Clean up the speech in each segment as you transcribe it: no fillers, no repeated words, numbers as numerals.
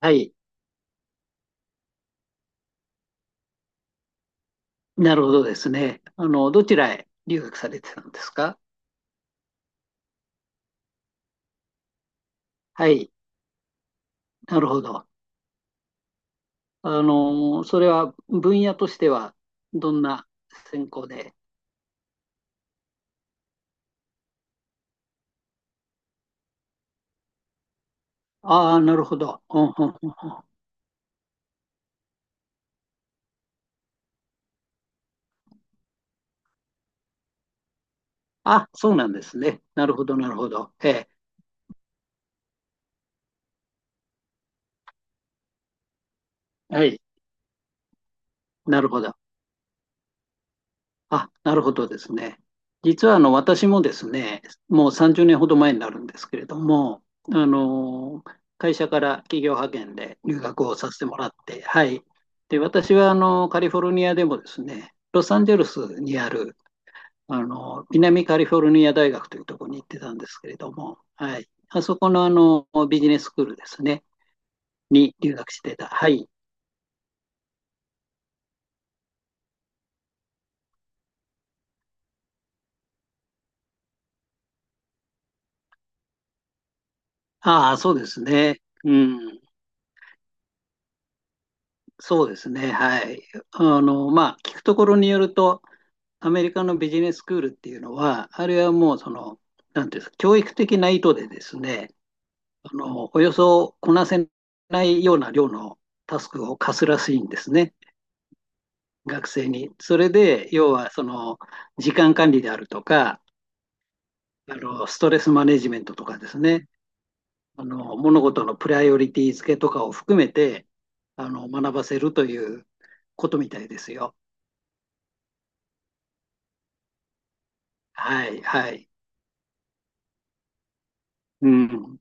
はい。なるほどですね。どちらへ留学されてたんですか？はい。なるほど。それは分野としてはどんな専攻で？ああ、なるほど。うんうんうんうん。あ、そうなんですね。なるほど、なるほど。ええ、はい。なるほど。あ、なるほどですね。実は私もですね、もう30年ほど前になるんですけれども、あの会社から企業派遣で留学をさせてもらって、はい。で、私はカリフォルニアでもですね、ロサンゼルスにある南カリフォルニア大学というところに行ってたんですけれども、はい。あそこのビジネススクールですね、に留学してた。はい。ああ、そうですね。うん。そうですね、はい。まあ、聞くところによると、アメリカのビジネススクールっていうのは、あれはもう、なんていうんですか、教育的な意図でですね、およそこなせないような量のタスクを課すらしいんですね、学生に。それで、要は、時間管理であるとか、ストレスマネジメントとかですね、物事のプライオリティ付けとかを含めて、学ばせるということみたいですよ。はい、はい。うん、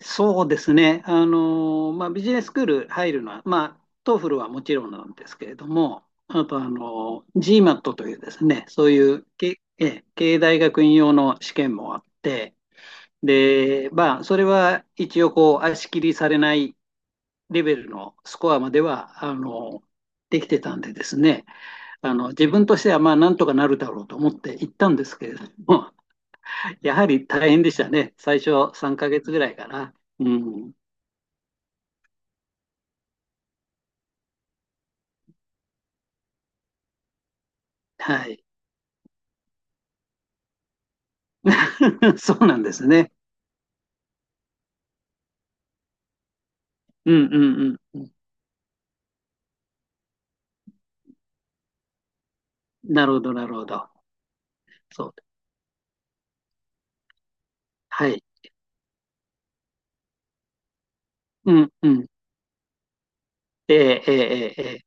そうですね。まあ、ビジネススクール入るのは、まあ、トーフルはもちろんなんですけれども、あと、GMAT というですね、そういうけ、ええ、経営大学院用の試験もあって、で、まあ、それは一応、こう、足切りされないレベルのスコアまでは、できてたんでですね、自分としては、まあ、なんとかなるだろうと思って行ったんですけれども、やはり大変でしたね。最初3ヶ月ぐらいかな。うん。はい。そうなんですね。うんうんうん。なるほど、なるほど。そう。はい。うんうん。えええええええ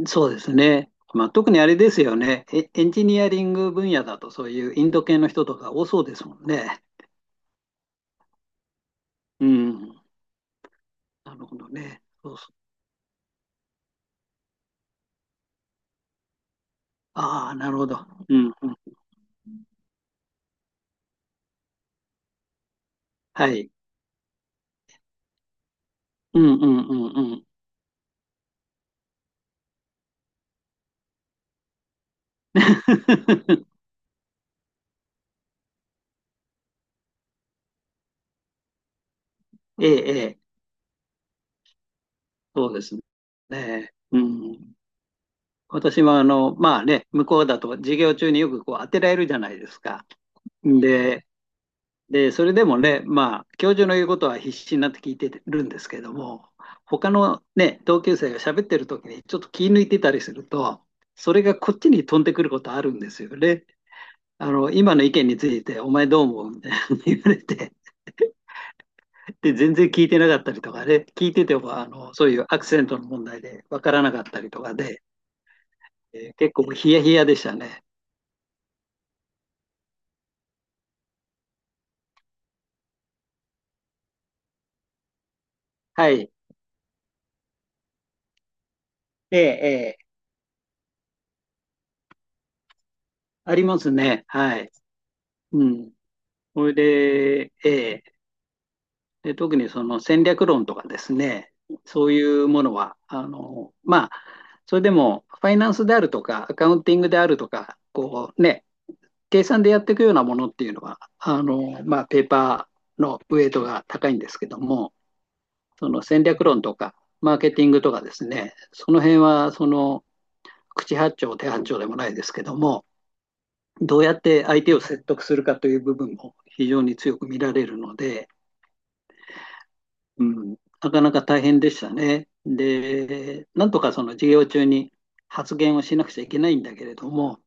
え、そうですね。まあ、特にあれですよね。エンジニアリング分野だとそういうインド系の人とか多そうですもんね。うん。なるほどね。そうそう。ああ、なるほど。うんうん。はい。うんうんうんうん。ええええ、そうですね。ねえ、うん。私はまあね、向こうだと授業中によくこう当てられるじゃないですか。で、で、それでもね、まあ、教授の言うことは必死になって聞いてるんですけども、他のね、同級生が喋ってる時にちょっと気抜いてたりすると、それがこっちに飛んでくることあるんですよね。今の意見について、お前どう思うみたいなの言われて、で、全然聞いてなかったりとかね、聞いてても、そういうアクセントの問題でわからなかったりとかで、結構ヒヤヒヤでしたね。はい。ええ、ええ、ありますね。はい。うん。それで、ええ、で、特にその戦略論とかですね、そういうものは、まあ、それでも、ファイナンスであるとか、アカウンティングであるとか、こうね、計算でやっていくようなものっていうのは、まあ、ペーパーのウェイトが高いんですけども、その戦略論とか、マーケティングとかですね、その辺は、口八丁手八丁でもないですけども、どうやって相手を説得するかという部分も非常に強く見られるので、うん、なかなか大変でしたね。で、なんとかその授業中に発言をしなくちゃいけないんだけれども、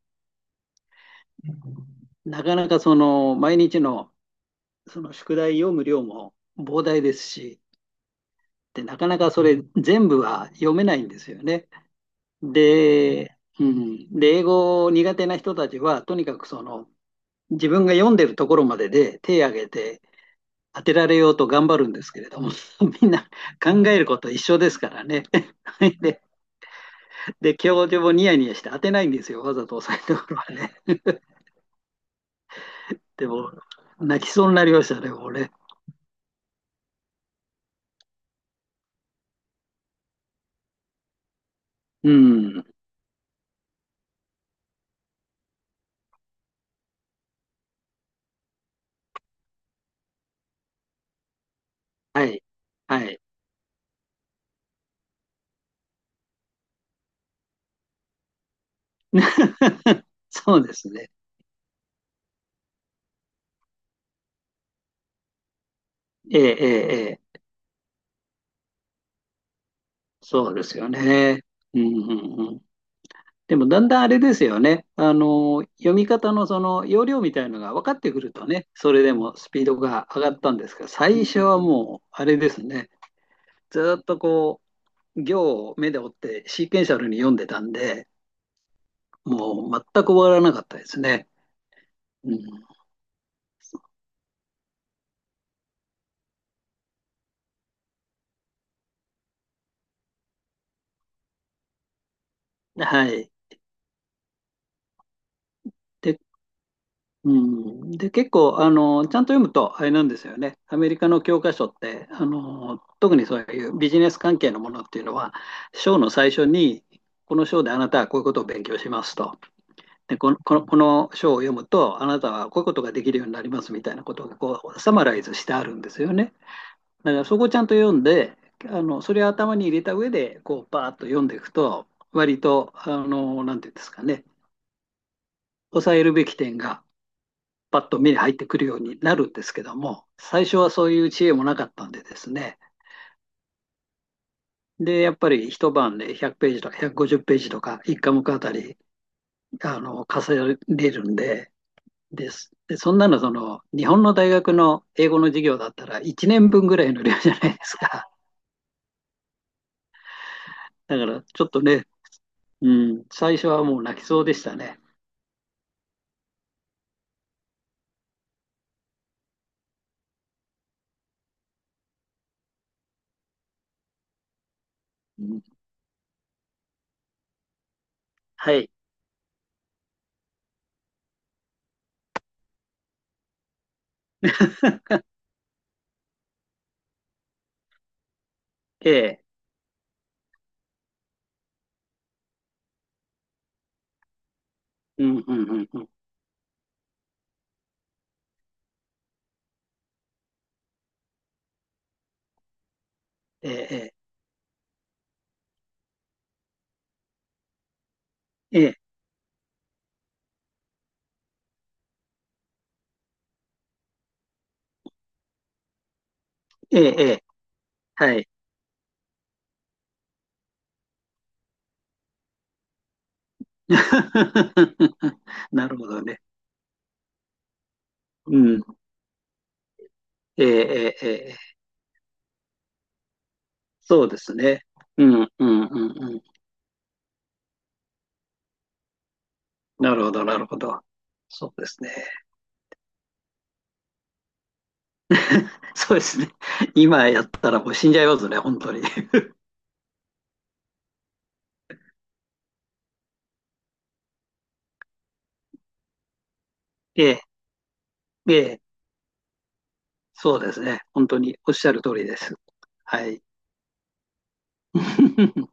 なかなかその毎日のその宿題読む量も膨大ですし、でなかなかそれ全部は読めないんですよね。で、うん、で英語苦手な人たちはとにかくその自分が読んでるところまでで手を挙げて当てられようと頑張るんですけれども、みんな考えること一緒ですからね。で、教授もニヤニヤして当てないんですよ、わざと押さえてこるはね。でも、泣きそうになりましたね、もうね。うん。はい。はい。そうですね。ええ、ええ、ええ。そうですよね。うん、うん、うん。でも、だんだんあれですよね。読み方のその要領みたいのが分かってくるとね、それでもスピードが上がったんですが、最初はもう、あれですね。ずーっとこう、行を目で追ってシーケンシャルに読んでたんで、もう全く終わらなかったですね。うん、はい。で、うん、で、結構、ちゃんと読むと、あれなんですよね。アメリカの教科書って、特にそういうビジネス関係のものっていうのは、章の最初に、この章であなたはこういうことを勉強しますと。で、この章を読むと、あなたはこういうことができるようになりますみたいなことが、こう、サマライズしてあるんですよね。だからそこをちゃんと読んで、それを頭に入れた上で、こう、パーッと読んでいくと、割と、なんていうんですかね、抑えるべき点が、パッと目に入ってくるようになるんですけども、最初はそういう知恵もなかったんでですね、で、やっぱり一晩で100ページとか150ページとか、一科目あたり、重ねるんで、です。で、そんなの、日本の大学の英語の授業だったら、1年分ぐらいの量じゃないですか。だから、ちょっとね、うん、最初はもう泣きそうでしたね。うん、はい。ええ、うん、うん、うん、うん。ええ、ええ、ええ、ええ、ええ、はい。なるほどね。うん、ええ、ええ、ええ、そうですね。うん、うん、うん、うん。なるほど、なるほど。そうですね。そうですね。今やったらもう死んじゃいますね、本当に。ええ、ええ、そうですね。本当におっしゃる通りです。はい。